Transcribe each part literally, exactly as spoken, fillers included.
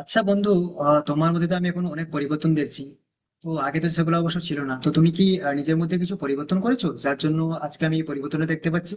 আচ্ছা বন্ধু, আহ, তোমার মধ্যে তো আমি এখন অনেক পরিবর্তন দেখছি। তো আগে তো সেগুলো অবশ্য ছিল না, তো তুমি কি আহ, নিজের মধ্যে কিছু পরিবর্তন করেছো যার জন্য আজকে আমি এই পরিবর্তনটা দেখতে পাচ্ছি?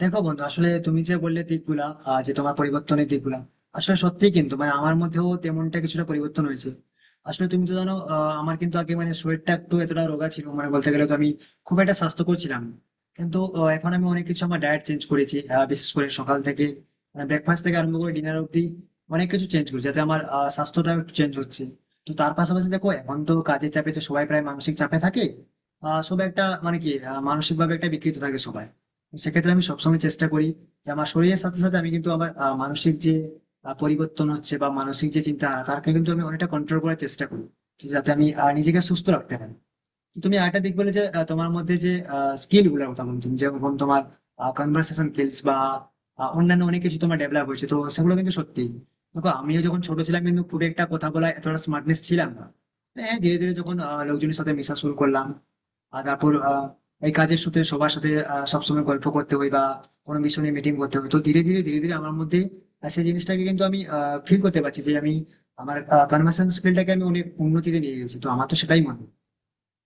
দেখো বন্ধু, আসলে তুমি যে বললে দিকগুলা, আহ, যে তোমার পরিবর্তনের দিকগুলা আসলে সত্যি, কিন্তু মানে আমার মধ্যেও তেমনটা কিছুটা পরিবর্তন হয়েছে। আসলে তুমি তো জানো, আহ, আমার কিন্তু আগে মানে শরীরটা একটু এতটা রোগা ছিল, মানে বলতে গেলে তো আমি খুব একটা স্বাস্থ্যকর ছিলাম না। কিন্তু আহ, এখন আমি অনেক কিছু আমার ডায়েট চেঞ্জ করেছি, আহ, বিশেষ করে সকাল থেকে ব্রেকফাস্ট থেকে আরম্ভ করে ডিনার অব্দি অনেক কিছু চেঞ্জ করেছি, যাতে আমার আহ, স্বাস্থ্যটাও একটু চেঞ্জ হচ্ছে। তো তার পাশাপাশি দেখো, এখন তো কাজের চাপে তো সবাই প্রায় মানসিক চাপে থাকে। আহ সব একটা মানে কি আহ, মানসিক ভাবে একটা বিকৃত থাকে সবাই। সেক্ষেত্রে আমি সবসময় চেষ্টা করি যে আমার শরীরের সাথে সাথে আমি কিন্তু আমার আহ, মানসিক যে আহ, পরিবর্তন হচ্ছে বা মানসিক যে চিন্তা তারকে কিন্তু আমি অনেকটা কন্ট্রোল করার চেষ্টা করি, যাতে আমি আহ, নিজেকে সুস্থ রাখতে পারি। তুমি আরেকটা দিক বলে যে আহ, তোমার মধ্যে যে স্কিল গুলোর কথা বলছো, তুমি যেরকম তোমার কনভার্সেশন স্কিলস বা আহ, অন্যান্য অনেক কিছু তোমার ডেভেলপ হয়েছে, তো সেগুলো কিন্তু সত্যি। দেখো, আমিও যখন ছোট ছিলাম কিন্তু খুব একটা কথা বলা, এতটা স্মার্টনেস ছিলাম না। হ্যাঁ, ধীরে ধীরে যখন আহ, লোকজনের সাথে মেশা শুরু করলাম, আর তারপর আহ, এই কাজের সূত্রে সবার সাথে আহ, সবসময় গল্প করতে হয় বা কোনো মিশনে মিটিং করতে হয়, তো ধীরে ধীরে ধীরে ধীরে আমার মধ্যে আহ, সেই জিনিসটাকে কিন্তু আমি ফিল করতে পারছি যে আমি আমার কনভার্সেশন স্কিলটাকে আমি অনেক উন্নতিতে নিয়ে গেছি। তো আমার তো সেটাই মনে হয়।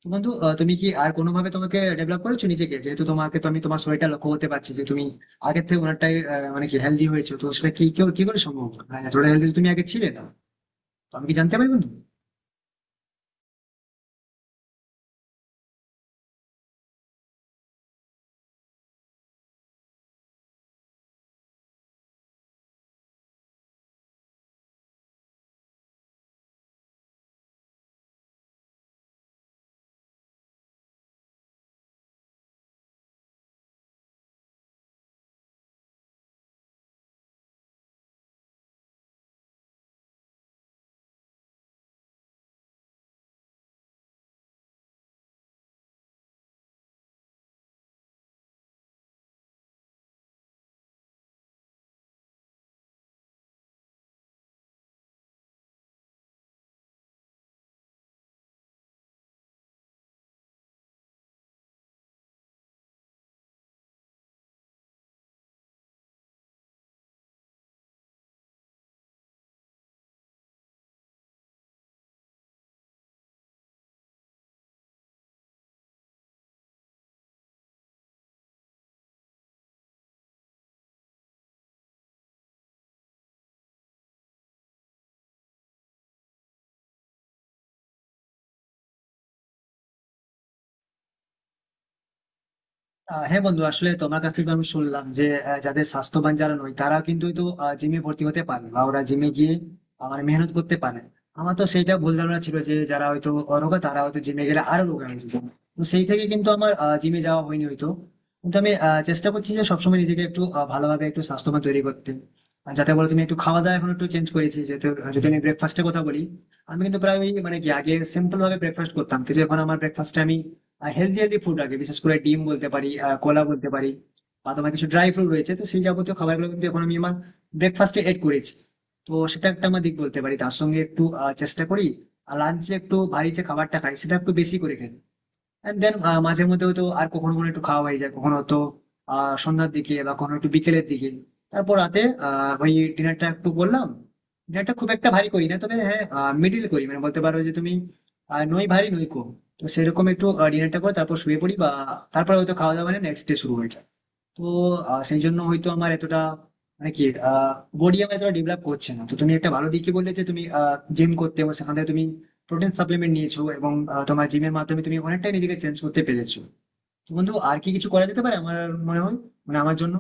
তো বন্ধু, আহ, তুমি কি আর কোনোভাবে তোমাকে ডেভেলপ করেছো নিজেকে? যেহেতু তোমাকে তো আমি, তোমার শরীরটা লক্ষ্য করতে পারছি যে তুমি আগের থেকে অনেকটাই আহ, মানে কি হেলদি হয়েছো, তো সেটা কি কেউ- কি করে সম্ভব? মানে এতটা হেলদি তুমি আগে ছিলে না। তো আমি কি জানতে পারি বন্ধু? আহ হ্যাঁ বন্ধু, আসলে তোমার কাছ থেকে তো আমি শুনলাম যে আহ, যাদের স্বাস্থ্যবান যারা নয় তারা কিন্তু তো জিমে ভর্তি হতে পারে বা ওরা জিমে গিয়ে আমার মেহনত করতে পারে। আমার তো সেইটা ভুল ধারণা ছিল যে যারা হয়তো অরোগা তারা হয়তো জিমে গেলে আরো রোগা হয়ে যেত। তো সেই থেকে কিন্তু আমার জিমে যাওয়া হয়নি হয়তো। কিন্তু আমি আহ, চেষ্টা করছি যে সবসময় নিজেকে একটু আহ, ভালোভাবে একটু স্বাস্থ্যবান তৈরি করতে। আর যাতে বলো, তুমি একটু খাওয়া দাওয়া এখন একটু চেঞ্জ করেছি, যেহেতু আহ, যদি আমি ব্রেকফাস্টের কথা বলি, আমি কিন্তু প্রায় ওই মানে কি আগে সিম্পল ভাবে ব্রেকফাস্ট করতাম, কিন্তু এখন আমার ব্রেকফাস্টে আমি হেলদি হেলদি ফুড লাগে, বিশেষ করে ডিম বলতে পারি, আহ, কলা বলতে পারি, বা তোমার কিছু ড্রাই ফ্রুট রয়েছে, তো সেই যাবতীয় খাবারগুলো কিন্তু এখন আমি আমার ব্রেকফাস্টে এড করেছি। তো সেটা একটা আমার দিক বলতে পারি। তার সঙ্গে একটু আহ, চেষ্টা করি লাঞ্চে একটু ভারী যে খাবারটা খাই সেটা একটু বেশি করে খেতে। এন্ড দেন, মাঝে মধ্যেও তো আর কখনো কখনো একটু খাওয়া হয়ে যায় কখনো তো, আহ সন্ধ্যার দিকে বা কখনো একটু বিকেলের দিকে। তারপর রাতে আহ ওই ডিনারটা একটু বললাম, ডিনারটা খুব একটা ভারী করি না, তবে হ্যাঁ মিডিল করি, মানে বলতে পারো যে তুমি আহ, নই ভারী নই কম। তো সেরকম একটু ডিনারটা করে তারপর শুয়ে পড়ি, বা তারপর হয়তো খাওয়া দাওয়া মানে নেক্সট ডে শুরু হয়ে যায়। তো আহ, সেই জন্য হয়তো আমার এতটা মানে কি বডি আমার এতটা ডেভেলপ করছে না। তো তুমি একটা ভালো দিক কি বললে যে তুমি জিম করতে এবং সেখান থেকে তুমি প্রোটিন সাপ্লিমেন্ট নিয়েছো, এবং আহ, তোমার জিমের মাধ্যমে তুমি অনেকটাই নিজেকে চেঞ্জ করতে পেরেছো। তো বন্ধু, আর কি কিছু করা যেতে পারে, আমার মনে হয়, মানে আমার জন্য?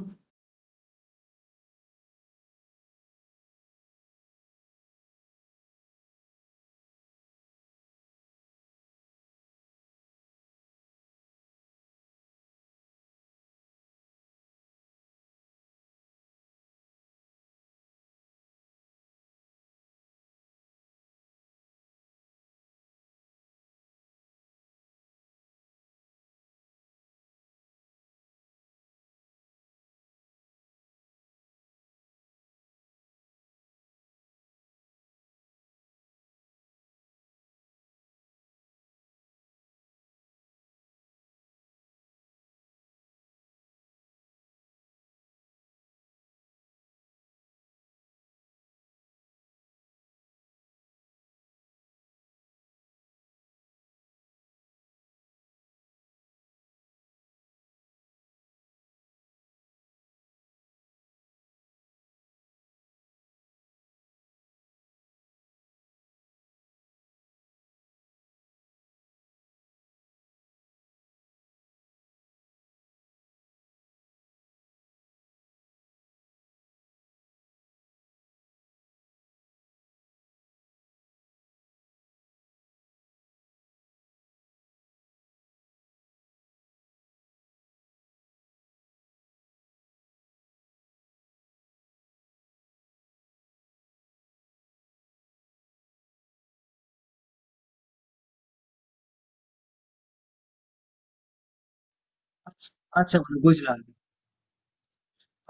আচ্ছা। আচ্ছা বন্ধু, বুঝলাম।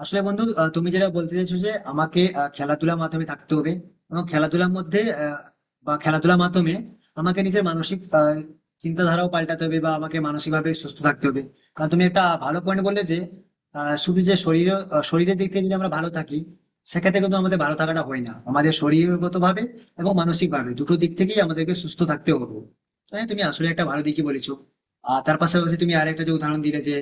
আসলে বন্ধু, আহ, তুমি যেটা বলতে চাইছো যে আমাকে আহ, খেলাধুলার মাধ্যমে থাকতে হবে, এবং খেলাধুলার মধ্যে আহ, বা খেলাধুলার মাধ্যমে আমাকে নিজের মানসিক আহ, চিন্তাধারাও পাল্টাতে হবে, বা আমাকে মানসিকভাবে সুস্থ থাকতে হবে। কারণ তুমি একটা ভালো পয়েন্ট বললে যে আহ, শুধু যে শরীর আহ, শরীরের দিক থেকে যদি আমরা ভালো থাকি, সেক্ষেত্রে কিন্তু আমাদের ভালো থাকাটা হয় না। আমাদের শরীরগত ভাবে এবং মানসিক ভাবে দুটো দিক থেকেই আমাদেরকে সুস্থ থাকতে হবে। তো হ্যাঁ, তুমি আসলে একটা ভালো দিকই বলেছো। আর তার পাশাপাশি তুমি আরেকটা যে উদাহরণ দিলে যে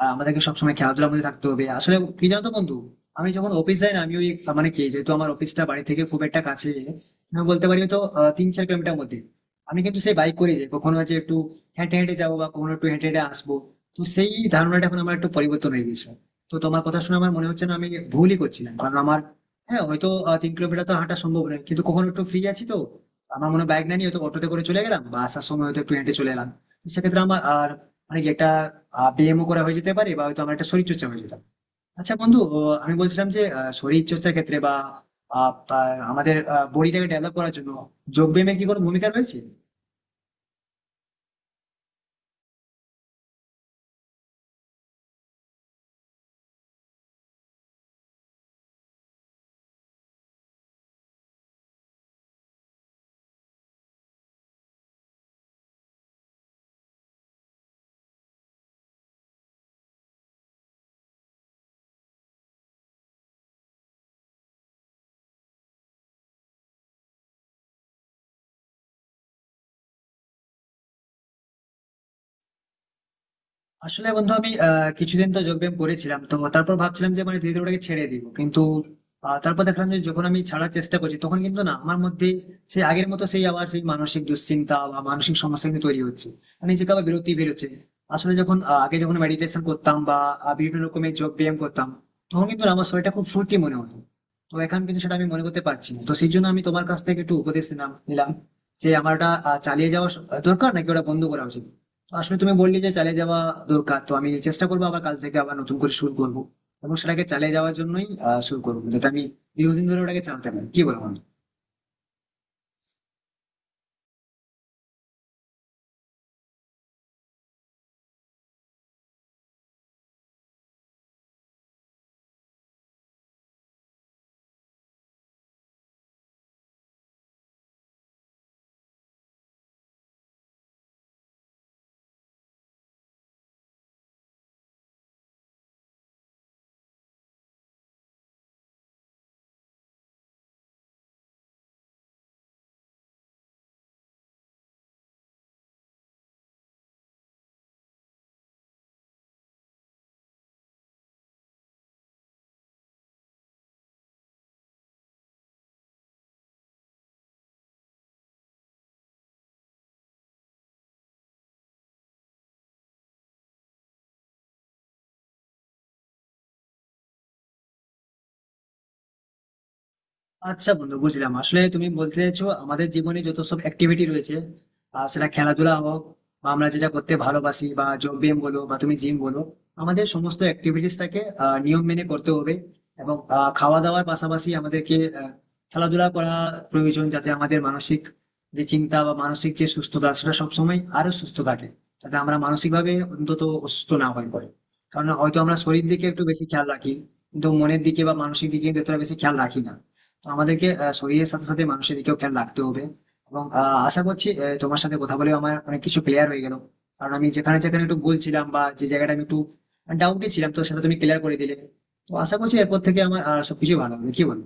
আহ, আমাদেরকে সবসময় খেলাধুলার মধ্যে থাকতে হবে। আসলে কি জানতো বন্ধু, আমি যখন অফিস যাই না, আমি ওই মানে কি, যেহেতু আমার অফিসটা বাড়ি থেকে খুব একটা কাছে, আমি বলতে পারি তো তিন চার কিলোমিটার মধ্যে, আমি কিন্তু সেই বাইক করে যাই, কখনো হচ্ছে একটু হেঁটে হেঁটে যাবো বা কখনো একটু হেঁটে হেঁটে আসবো। তো সেই ধারণাটা এখন আমার একটু পরিবর্তন হয়ে গেছে। তো তোমার কথা শুনে আমার মনে হচ্ছে না, আমি ভুলই করছিলাম, কারণ আমার হ্যাঁ হয়তো আহ, তিন কিলোমিটার তো হাঁটা সম্ভব নয়, কিন্তু কখনো একটু ফ্রি আছি তো আমার মনে হয় বাইক না নিয়ে হয়তো অটোতে করে চলে গেলাম, বা আসার সময় হয়তো একটু হেঁটে চলে এলাম। তো সেক্ষেত্রে আমার আর মানে কি একটা পিএমও করা হয়ে যেতে পারে, বা হয়তো আমার একটা শরীরচর্চা হয়ে যেতাম। আচ্ছা বন্ধু, আহ, আমি বলছিলাম যে আহ, শরীরচর্চার ক্ষেত্রে বা আহ, আহ, আমাদের বডিটাকে ডেভেলপ করার জন্য যোগ ব্যায়ামের কি কোনো ভূমিকা রয়েছে? আসলে বন্ধু, আমি আহ, কিছুদিন তো যোগব্যায়াম করেছিলাম, তো তারপর ভাবছিলাম যে মানে ধীরে ধীরে ওটাকে ছেড়ে দিব, কিন্তু আহ, তারপর দেখলাম যে যখন আমি ছাড়ার চেষ্টা করছি তখন কিন্তু না, আমার মধ্যে সেই আগের মতো সেই আবার সেই মানসিক দুশ্চিন্তা বা মানসিক সমস্যা কিন্তু তৈরি হচ্ছে, মানে নিজেকে আবার বিরতি বেরোচ্ছে। আসলে যখন আহ, আগে যখন মেডিটেশন করতাম বা আহ, বিভিন্ন রকমের যোগ ব্যায়াম করতাম, তখন কিন্তু না আমার শরীরটা খুব ফুর্তি মনে হতো। তো এখন কিন্তু সেটা আমি মনে করতে পারছি না, তো সেই জন্য আমি তোমার কাছ থেকে একটু উপদেশ নিলাম নিলাম যে আমার ওটা আহ, চালিয়ে যাওয়া স- দরকার নাকি ওটা বন্ধ করা উচিত। আসলে তুমি বললে যে চালিয়ে যাওয়া দরকার, তো আমি চেষ্টা করবো আবার কাল থেকে আবার নতুন করে শুরু করবো, এবং সেটাকে চালিয়ে যাওয়ার জন্যই আহ শুরু করবো, যাতে আমি দীর্ঘদিন ধরে ওটাকে চালাতে পারি, কি বলবো। আচ্ছা বন্ধু, বুঝলাম। আসলে তুমি বলতে চাইছো আমাদের জীবনে যত সব অ্যাক্টিভিটি রয়েছে, আহ, সেটা খেলাধুলা হোক, বা আমরা যেটা করতে ভালোবাসি, বা যোগ ব্যায়াম বলো বা তুমি জিম বলো, আমাদের সমস্ত অ্যাক্টিভিটিসটাকে নিয়ম মেনে করতে হবে। এবং আহ, খাওয়া দাওয়ার পাশাপাশি আমাদেরকে আহ, খেলাধুলা করা প্রয়োজন, যাতে আমাদের মানসিক যে চিন্তা বা মানসিক যে সুস্থতা সেটা সবসময় আরো সুস্থ থাকে, যাতে আমরা মানসিকভাবে অন্তত অসুস্থ না হয়ে পড়ে। কারণ হয়তো আমরা শরীর দিকে একটু বেশি খেয়াল রাখি, কিন্তু মনের দিকে বা মানসিক দিকে কিন্তু এতটা বেশি খেয়াল রাখি না। তো আমাদেরকে আহ, শরীরের সাথে সাথে মানুষের দিকেও খেয়াল রাখতে হবে। এবং আহ, আশা করছি আহ, তোমার সাথে কথা বলে আমার অনেক কিছু ক্লিয়ার হয়ে গেল, কারণ আমি যেখানে যেখানে একটু ভুল ছিলাম বা যে জায়গাটা আমি একটু ডাউটে ছিলাম, তো সেটা তুমি ক্লিয়ার করে দিলে। তো আশা করছি এরপর থেকে আমার আহ, সবকিছু ভালো হবে, কি বলো?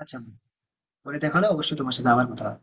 আচ্ছা। বলে দেখালো অবশ্যই তোমার সাথে আবার কথা হবে।